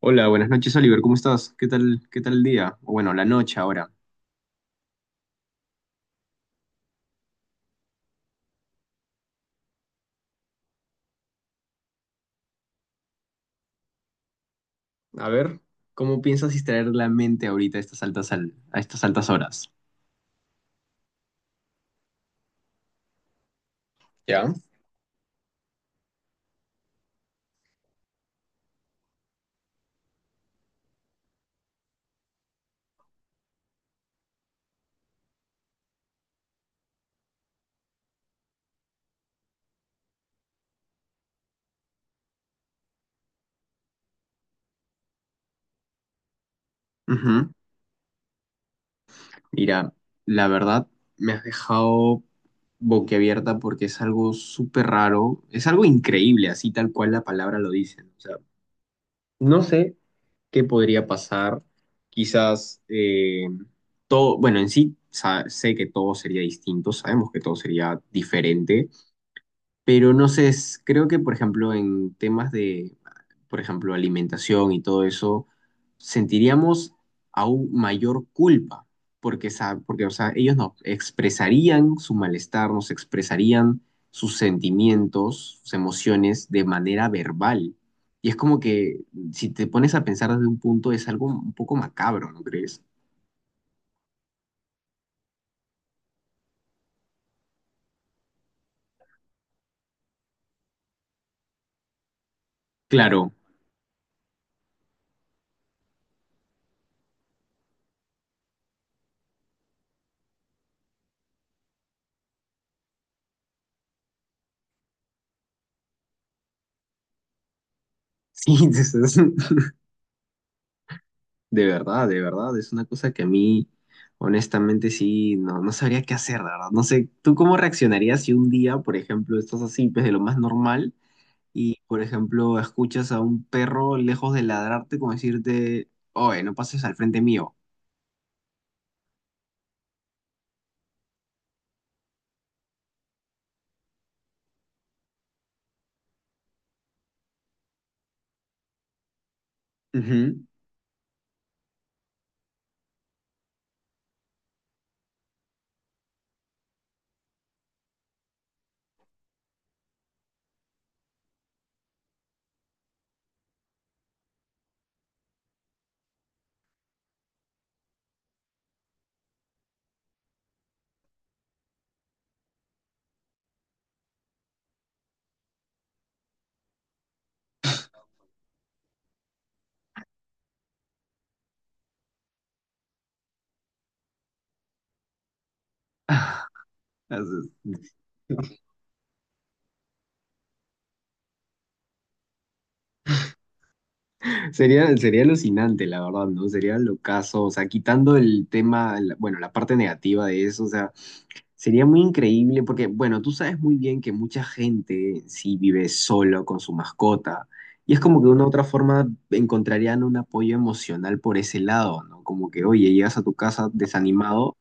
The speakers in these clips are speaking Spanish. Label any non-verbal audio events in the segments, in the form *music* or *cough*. Hola, buenas noches, Oliver. ¿Cómo estás? Qué tal el día? O bueno, la noche ahora. A ver, ¿cómo piensas distraer la mente ahorita a estas altas, a estas altas horas? Ya. Ujú. Mira, la verdad me has dejado boquiabierta porque es algo súper raro, es algo increíble, así tal cual la palabra lo dice, ¿no? O sea, no sé qué podría pasar, quizás todo, bueno, en sí sé que todo sería distinto, sabemos que todo sería diferente, pero no sé, creo que por ejemplo en temas de, por ejemplo, alimentación y todo eso, sentiríamos aún mayor culpa, porque, porque o sea, ellos no expresarían su malestar, nos expresarían sus sentimientos, sus emociones de manera verbal. Y es como que si te pones a pensar desde un punto es algo un poco macabro, ¿no crees? Claro, *laughs* sí. De verdad, es una cosa que a mí, honestamente, sí, no, no sabría qué hacer, de verdad. No sé, ¿tú cómo reaccionarías si un día, por ejemplo, estás así, pues de lo más normal, y, por ejemplo, escuchas a un perro lejos de ladrarte como decirte, oye, no pases al frente mío? Ujú. *laughs* Sería, sería alucinante, la verdad, ¿no? Sería locazo, o sea, quitando el tema, bueno, la parte negativa de eso, o sea, sería muy increíble porque, bueno, tú sabes muy bien que mucha gente sí vive solo con su mascota y es como que de una u otra forma encontrarían un apoyo emocional por ese lado, ¿no? Como que, oye, llegas a tu casa desanimado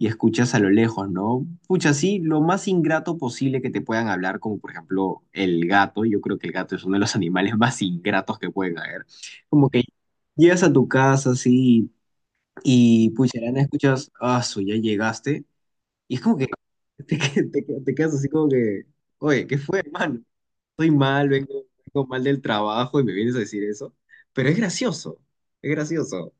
y escuchas a lo lejos, ¿no? Pucha, sí, lo más ingrato posible que te puedan hablar, como por ejemplo el gato, yo creo que el gato es uno de los *laughs* animales más ingratos que pueden haber. Como que llegas a tu casa, sí, y pucha, escuchas, ah, su, ya llegaste. Y es como que te quedas así como que, oye, ¿qué fue, hermano? Estoy mal, vengo, vengo mal del trabajo y me vienes a decir eso. Pero es gracioso, es gracioso.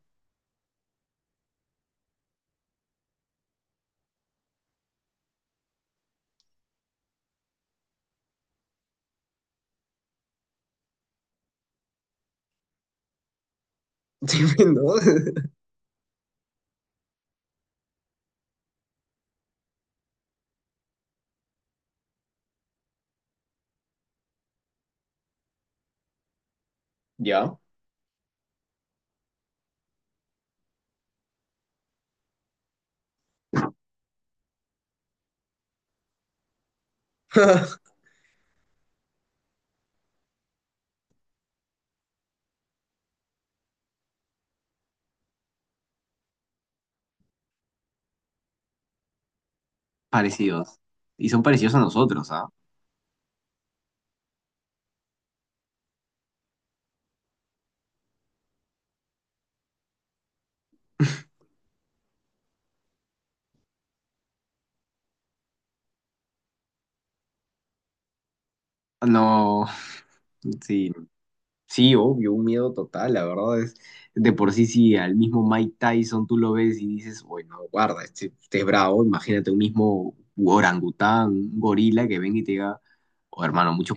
*laughs* Sí, ¿no? ¿Ya? *laughs* Parecidos. Y son parecidos a nosotros, ¿ah? *laughs* No, sí, sí, obvio, un miedo total, la verdad es, de por sí, sí, al mismo Mike Tyson tú lo ves y dices, bueno, guarda, este es bravo, imagínate un mismo orangután, un gorila que venga y te diga, oh hermano, mucho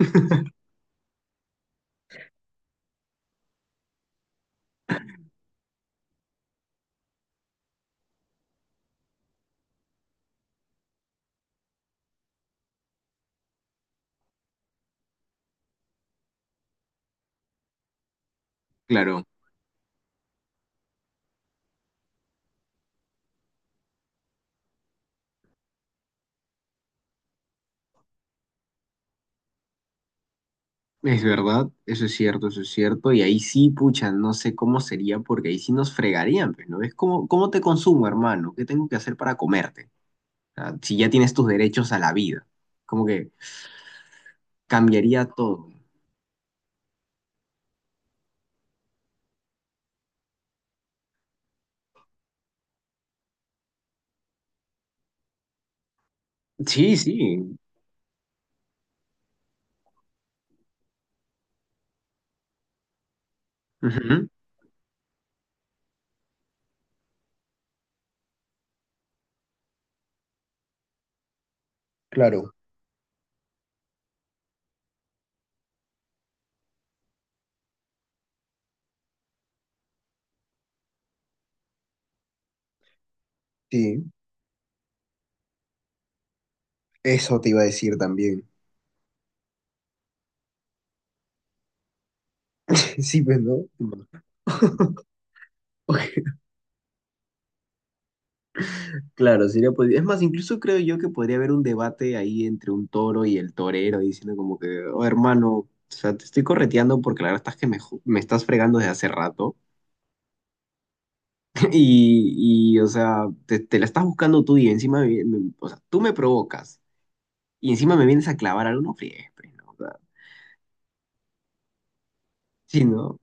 *laughs* claro, es verdad, eso es cierto, eso es cierto. Y ahí sí, pucha, no sé cómo sería, porque ahí sí nos fregarían, pues, ¿no? Es como, ¿cómo te consumo, hermano? ¿Qué tengo que hacer para comerte? Ah, si ya tienes tus derechos a la vida, como que cambiaría todo. Sí, sí. Ujú. Claro, sí, eso te iba a decir también. *laughs* Sí, pues, ¿no? *laughs* Ok. Claro, sería pues, es más, incluso creo yo que podría haber un debate ahí entre un toro y el torero, diciendo como que, oh hermano, o sea, te estoy correteando porque la verdad estás que me, me estás fregando desde hace rato. *laughs* Y, y, o sea, te la estás buscando tú y encima, o sea, tú me provocas y encima me vienes a clavar algo, no friegues, pues, ¿no? O sea, sí, ¿no?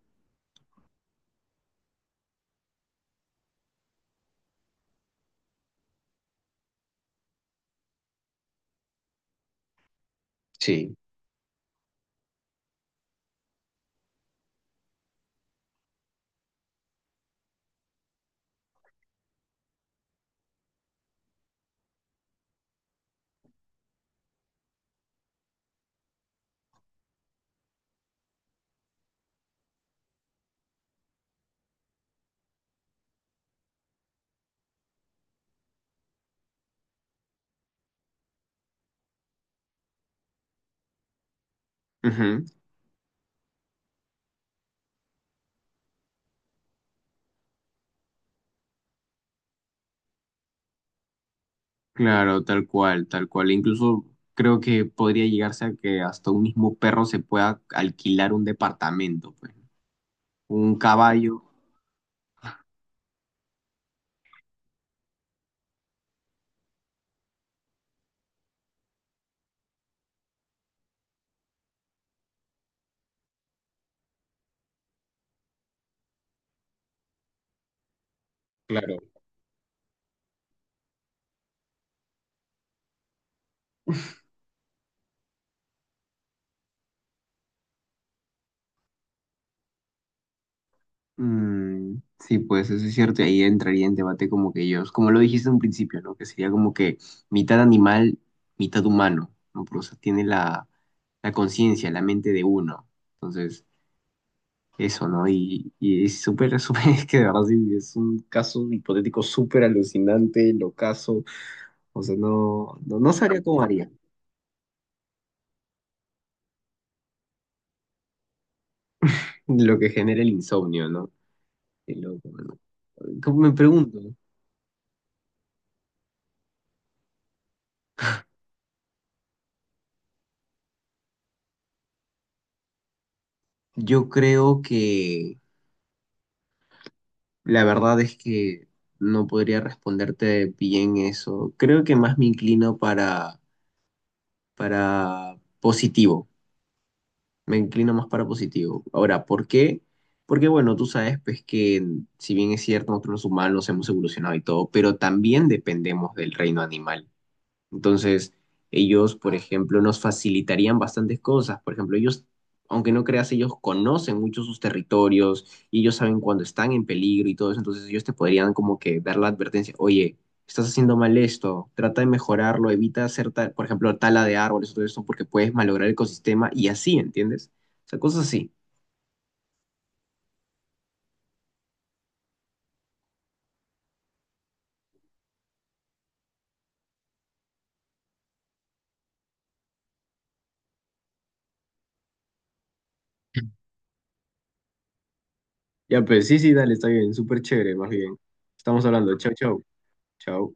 Sí. Ujú. Claro, tal cual, tal cual. Incluso creo que podría llegarse a que hasta un mismo perro se pueda alquilar un departamento, pues. Un Mm. caballo. Claro. Mm, sí, pues eso es cierto, y ahí entraría en debate como que ellos, como lo dijiste en un principio, ¿no? Que sería como que mitad animal, mitad humano, ¿no? Pero, o sea, tiene la, la conciencia, la mente de uno. Entonces, eso, ¿no? Y es súper, *laughs* súper, es que de verdad sí, es un caso hipotético súper alucinante, locazo, o sea, no, no, no sabría cómo haría. Lo que genera el insomnio, ¿no? Qué loco, ¿no? Me pregunto, yo creo que... La verdad es que no podría responderte bien eso. Creo que más me inclino para positivo. Me inclino más para positivo. Ahora, ¿por qué? Porque bueno, tú sabes pues que si bien es cierto, nosotros los humanos hemos evolucionado y todo, pero también dependemos del reino animal. Entonces, ellos, por ejemplo, nos facilitarían bastantes cosas. Por ejemplo, ellos, aunque no creas, ellos conocen mucho sus territorios y ellos saben cuando están en peligro y todo eso. Entonces, ellos te podrían como que dar la advertencia, oye, estás haciendo mal esto, trata de mejorarlo, evita hacer, tal, por ejemplo, tala de árboles o todo eso porque puedes malograr el ecosistema y así, ¿entiendes? O sea, cosas así. Ya, pues sí, sí, dale, está bien, súper chévere, más bien. Estamos hablando, chao, chao, chao.